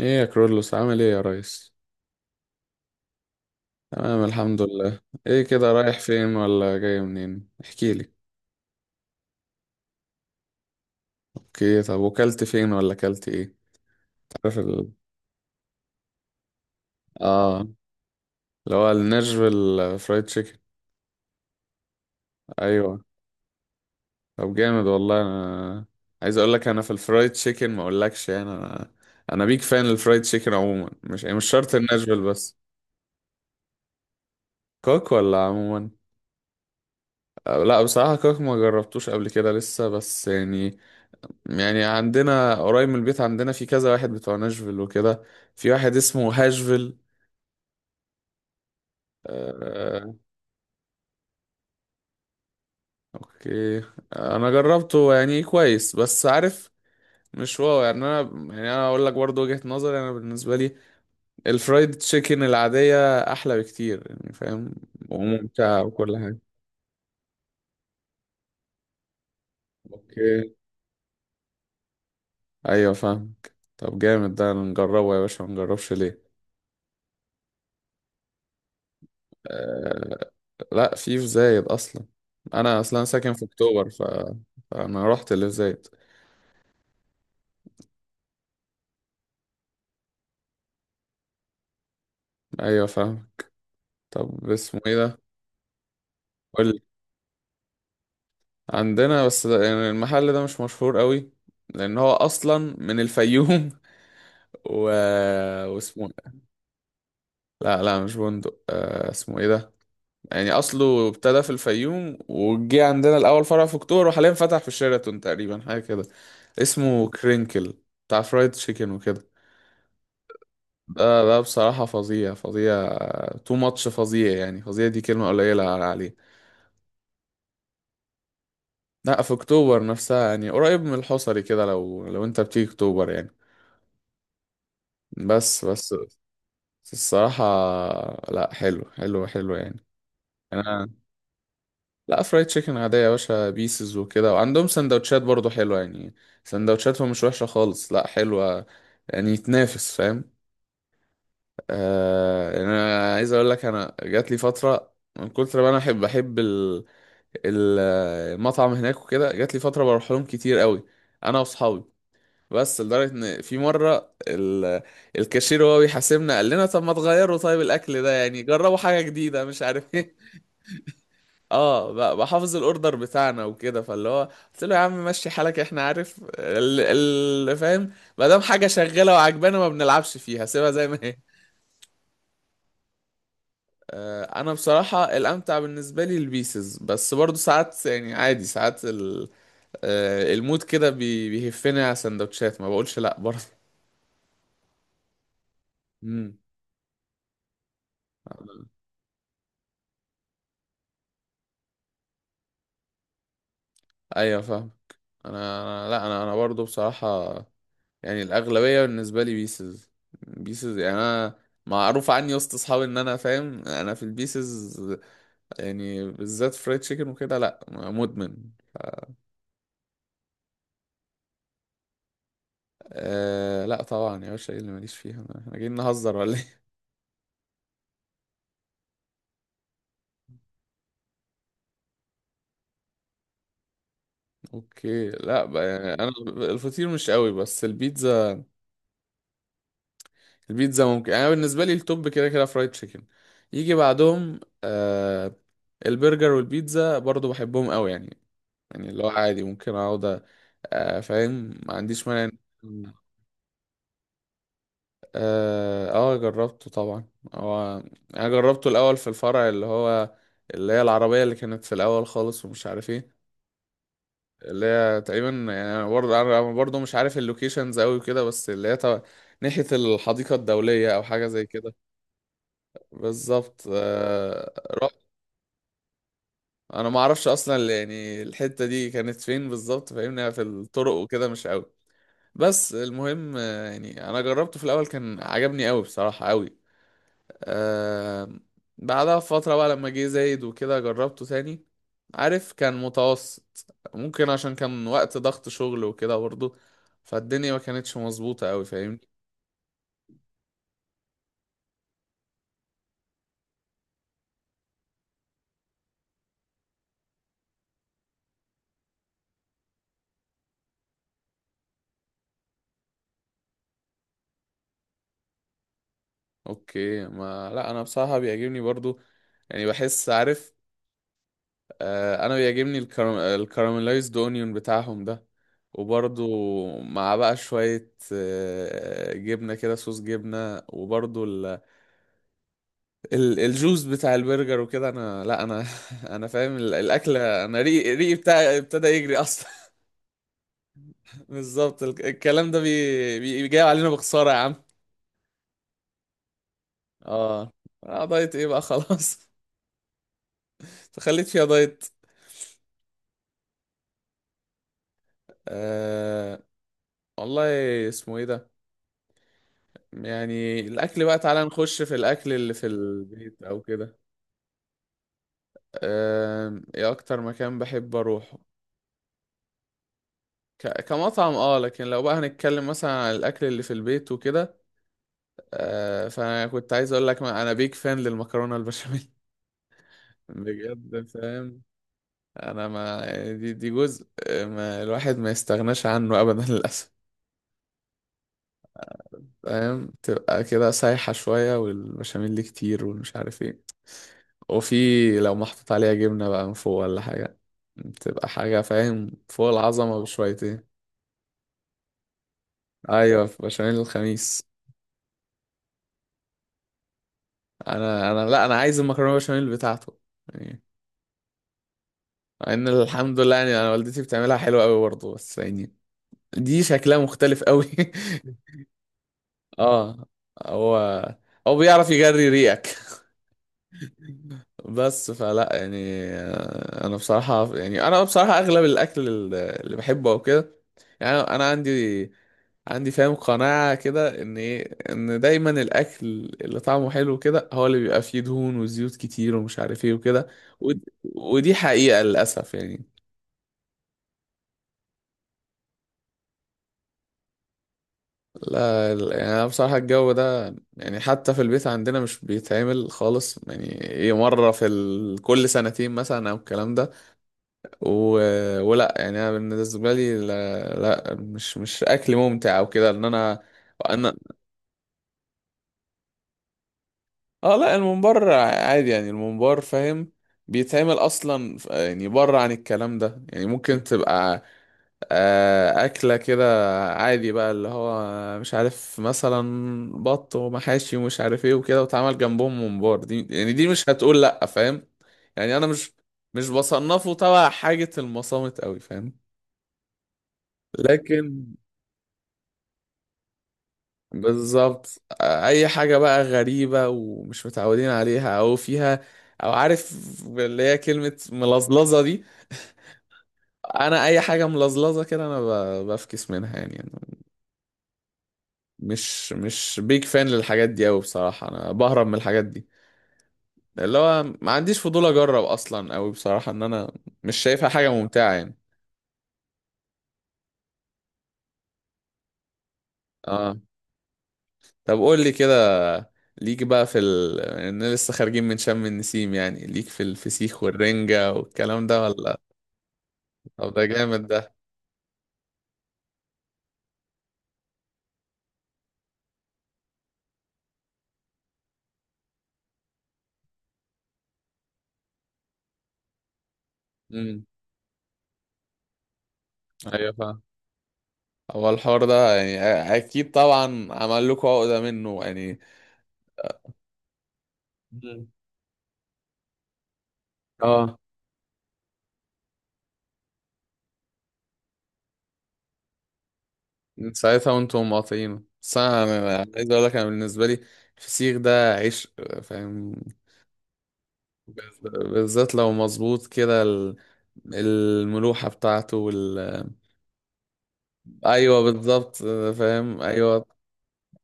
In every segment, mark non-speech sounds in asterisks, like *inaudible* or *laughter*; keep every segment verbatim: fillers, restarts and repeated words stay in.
ايه يا كرولوس، عامل ايه يا ريس؟ تمام الحمد لله. ايه كده، رايح فين ولا جاي منين؟ احكي لي. اوكي، طب وكلت فين ولا كلت ايه؟ تعرف ال... اه اللي هو الناشفيل فرايد تشيكن. ايوه. طب جامد، والله انا عايز اقول لك، انا في الفرايد تشيكن ما اقولكش، يعني انا انا بيك فان الفرايد تشيكن عموما، مش مش شرط الناشفيل بس. كوك ولا عموما؟ آه، لا بصراحة كوك ما جربتوش قبل كده لسه، بس يعني يعني عندنا قريب من البيت، عندنا في كذا واحد بتوع ناشفيل وكده. في واحد اسمه هاشفيل. آه، اوكي. انا جربته يعني كويس، بس عارف، مش واو يعني. انا يعني انا اقول لك برضه وجهة نظري، انا بالنسبة لي الفرايد تشيكن العادية احلى بكتير، يعني فاهم؟ وممتعة وكل حاجة. اوكي. ايوه فاهم. طب جامد ده، نجربه يا باشا، ما نجربش ليه؟ آه، لا، في في زايد اصلا. انا اصلا ساكن في اكتوبر، ف... فانا رحت اللي في زايد. ايوه فاهم. طب اسمه ايه ده؟ قول لي. عندنا، بس ده يعني المحل ده مش مشهور قوي، لان هو اصلا من الفيوم *laughs* و... واسمه إيه؟ لا لا، مش بندق. آه، اسمه ايه ده؟ يعني اصله ابتدى في الفيوم، وجه عندنا الاول فرع في اكتوبر، وحاليا فتح في شيراتون تقريبا، حاجه كده. اسمه كرينكل، بتاع فرايد تشيكن وكده. ده ده بصراحه فظيع فظيع، تو ماتش، فظيع يعني، فظيع دي كلمه قليله عليه. لا، في اكتوبر نفسها، يعني قريب من الحصري كده، لو لو انت بتيجي اكتوبر يعني. بس بس الصراحة، لا حلو حلو حلو يعني. انا لا، فرايد تشيكن عادية يا باشا، بيسز وكده، وعندهم سندوتشات برضو حلوة يعني. سندوتشاتهم مش وحشة خالص، لا حلوة يعني، يتنافس، فاهم؟ آه يعني انا عايز اقول لك، انا جات لي فترة من كتر ما انا احب احب ال- ال- المطعم هناك وكده، جات لي فترة بروح لهم كتير قوي، انا واصحابي. بس لدرجة ان في مرة ال... الكاشير وهو بيحاسبنا قال لنا طب ما تغيروا طيب الاكل ده، يعني جربوا حاجة جديدة مش عارف ايه. *laughs* اه، ب- بحافظ الاوردر بتاعنا وكده، فاللي هو قلت له يا عم مشي حالك، احنا عارف ال... ال... فاهم، ما دام حاجة شغالة وعجبانا، ما بنلعبش فيها، سيبها زي ما هي. آه، انا بصراحة الامتع بالنسبة لي البيسز، بس برضو ساعات يعني عادي، ساعات ال... آه، المود كده بي... بيهفني على سندوتشات، ما بقولش لا برضه. *laughs* امم. ايوه فاهم. انا انا لا انا انا برضو بصراحة يعني الاغلبية بالنسبة لي بيسز، بيسز يعني. انا معروف عني وسط اصحابي ان انا فاهم انا في البيسز، يعني بالذات فرايد تشيكن وكده، لا مدمن. آه لا طبعا يا باشا، ايه اللي ماليش فيها، انا إحنا جايين نهزر ولا ايه؟ *laughs* اوكي. لا بقى، يعني انا الفطير مش قوي، بس البيتزا، البيتزا ممكن. انا بالنسبة لي التوب كده كده فرايد تشيكن، يجي بعدهم آه البرجر والبيتزا، برضو بحبهم قوي يعني. يعني اللي هو عادي ممكن اقعد، آه، فاهم، ما عنديش مانع. إن- اه آه، جربته طبعا. هو انا جربته الاول في الفرع اللي هو اللي هي العربية، اللي كانت في الاول خالص ومش عارف ايه. اللي هي تقريبا، يعني انا برضه، انا برضه مش عارف اللوكيشنز قوي كده، بس اللي هي تبع- ناحية الحديقة الدولية، او حاجة زي كده. بالظبط، آه. رحت. انا ما اعرفش اصلا يعني الحتة دي كانت فين بالظبط، فاهمني في الطرق وكده مش قوي. بس المهم، آه، يعني انا جربته في الاول، كان عجبني قوي، بصراحة قوي. آه. بعدها فترة بقى لما جه زايد وكده جربته تاني. عارف، كان متوسط، ممكن عشان كان وقت ضغط شغل وكده برضه، فالدنيا ما كانتش مظبوطة قوي، فاهمني. اوكي، ما لا انا بصراحة بيعجبني برضه يعني. بحس عارف، آه، انا بيعجبني الكرام... الكراميلايزد اونيون بتاعهم ده، وبرضو مع بقى شوية آه، جبنة كده، صوص جبنة، وبرضو ال... ال... الجوس بتاع البرجر وكده. انا لا انا *laughs* انا فاهم ال- الاكل. انا ريقي ريقي بتاع ابتدى يجري اصلا. *laughs* بالظبط، ال- الكلام ده بي... بي... جاي علينا بخسارة يا عم. اه. آه، دايت ايه بقى، خلاص. *laughs* تخليت فيها دايت. أه... والله، اسمه ايه ده. يعني الأكل بقى، تعالى نخش في الأكل اللي في البيت أو كده. أم، إيه أكتر مكان بحب أروحه؟ ك- كمطعم، اه. لكن لو بقى هنتكلم مثلا عن الأكل اللي في البيت وكده، أه، فأنا كنت عايز أقول لك ما- أنا بيك فان للمكرونة البشاميل. *laughs* بجد فاهم. أنا ما يعني دي دي جزء ما الواحد ما يستغناش عنه أبدا، للأسف. فاهم، تبقى كده سايحة شوية، والبشاميل اللي كتير والمش عارف ايه. وفي، لو محطوط عليها جبنة بقى من فوق ولا حاجة، بتبقى حاجة فاهم فوق العظمة بشويتين. أيوة، بشاميل الخميس. أنا أنا لا أنا عايز المكرونة بشاميل بتاعته يعني. مع إن الحمد لله يعني أنا والدتي بتعملها حلوة أوي برضه، بس يعني دي شكلها مختلف أوي. *laughs* اه. هو هو بيعرف يجري ريقك. بس فلا يعني، آه، انا بصراحة، يعني انا بصراحة اغلب الاكل ال- اللي بحبه او كده، يعني انا، أنا عندي، عندي فاهم قناعة كده ان ايه، ان دايما الاكل اللي طعمه حلو كده هو اللي بيبقى فيه دهون وزيوت كتير ومش عارف ايه وكده. ود- ودي حقيقة للاسف يعني. لا لا، يعني انا بصراحة الجو ده يعني حتى في البيت عندنا مش بيتعمل خالص يعني، ايه مرة في ال... كل سنتين مثلا او الكلام ده. و... ولا يعني انا بالنسبه لي لا، لا، مش مش اكل ممتع او كده، ان انا، انا. اه لا، الممبار عادي يعني، الممبار فاهم، بيتعمل اصلا، ف- يعني بره عن الكلام ده يعني، ممكن تبقى آه، اكله كده عادي بقى، اللي هو مش عارف مثلا بط ومحاشي ومش عارف ايه وكده، واتعمل جنبهم ممبار، دي يعني دي مش هتقول لا، فاهم؟ يعني انا مش مش بصنفه تبع حاجه المصامت قوي، فاهم؟ لكن بالظبط اي حاجه بقى غريبه ومش متعودين عليها او فيها، او عارف اللي هي كلمه ملظلظه دي، انا اي حاجه ملظلظه كده انا ب- بفكس منها، يعني أنا مش مش بيج فان للحاجات دي قوي، بصراحه انا بهرب من الحاجات دي. اللي هو ما عنديش فضول اجرب اصلا قوي، بصراحه ان انا مش شايفها حاجه ممتعه يعني. اه. طب قول لي كده، ليك بقى في ال... إن لسه خارجين من شم النسيم يعني، ليك في الفسيخ والرنجة والكلام ده ولا؟ طب ده جامد ده. امم. ايوه فاهم. هو الحوار ده يعني أ- اكيد طبعا عمل لكم عقدة منه يعني. مم. اه. من ساعتها وانتم مقاطعين، بس انا، أنا عايز اقول لك انا بالنسبة لي الفسيخ ده عشق، فاهم؟ بز- بالذات لو مظبوط كده ال- الملوحة بتاعته وال... ايوه بالظبط، فاهم، ايوه.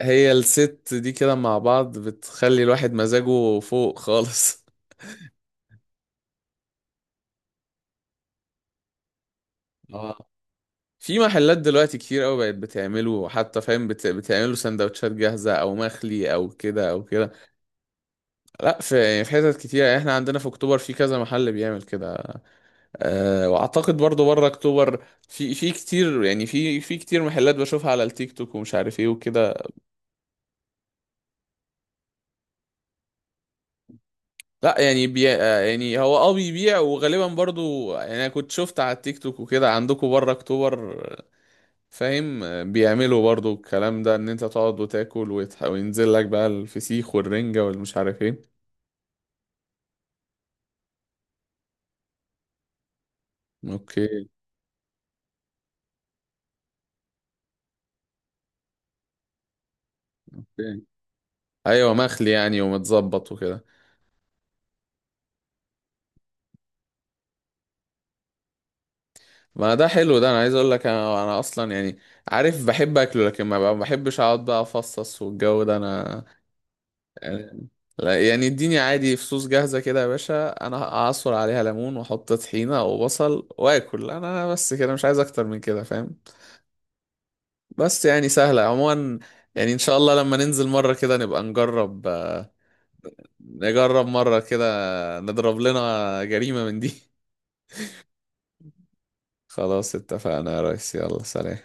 هي الست دي كده مع بعض بتخلي الواحد مزاجه فوق خالص. في محلات دلوقتي كتير قوي بقت بتعمله، حتى فاهم بت... بتعمله سندوتشات جاهزة او مخلي او كده او كده. لا، في يعني في حتت كتير، يعني احنا عندنا في اكتوبر في كذا محل بيعمل كده. أه، واعتقد برضو بره اكتوبر في في كتير، يعني في في كتير محلات بشوفها على التيك توك ومش عارف ايه وكده. لا يعني بي... آه، يعني هو اه بيبيع، وغالبا برضو يعني انا كنت شفت على التيك توك وكده عندكم بره اكتوبر، فاهم، بيعملوا برضو الكلام ده، ان انت تقعد وتاكل ويتح- وينزل لك بقى الفسيخ والرنجة والمش عارف ايه. اوكي. ايوه مخلي يعني، ومتظبط وكده. ما ده حلو ده، انا عايز اقول لك، انا انا اصلا يعني، عارف، بحب اكله، لكن ما بقى- ما بحبش اقعد بقى افصص والجو ده، انا لا، يعني اديني عادي فصوص جاهزة كده يا باشا، انا اعصر عليها ليمون واحط طحينة وبصل واكل، انا بس كده، مش عايز اكتر من كده، فاهم؟ بس يعني سهلة عموما. يعني ان شاء الله لما ننزل مرة كده نبقى نجرب، آه، نجرب مرة كده، نضرب لنا جريمة من دي. *laughs* خلاص اتفقنا يا ريس، يلا سلام.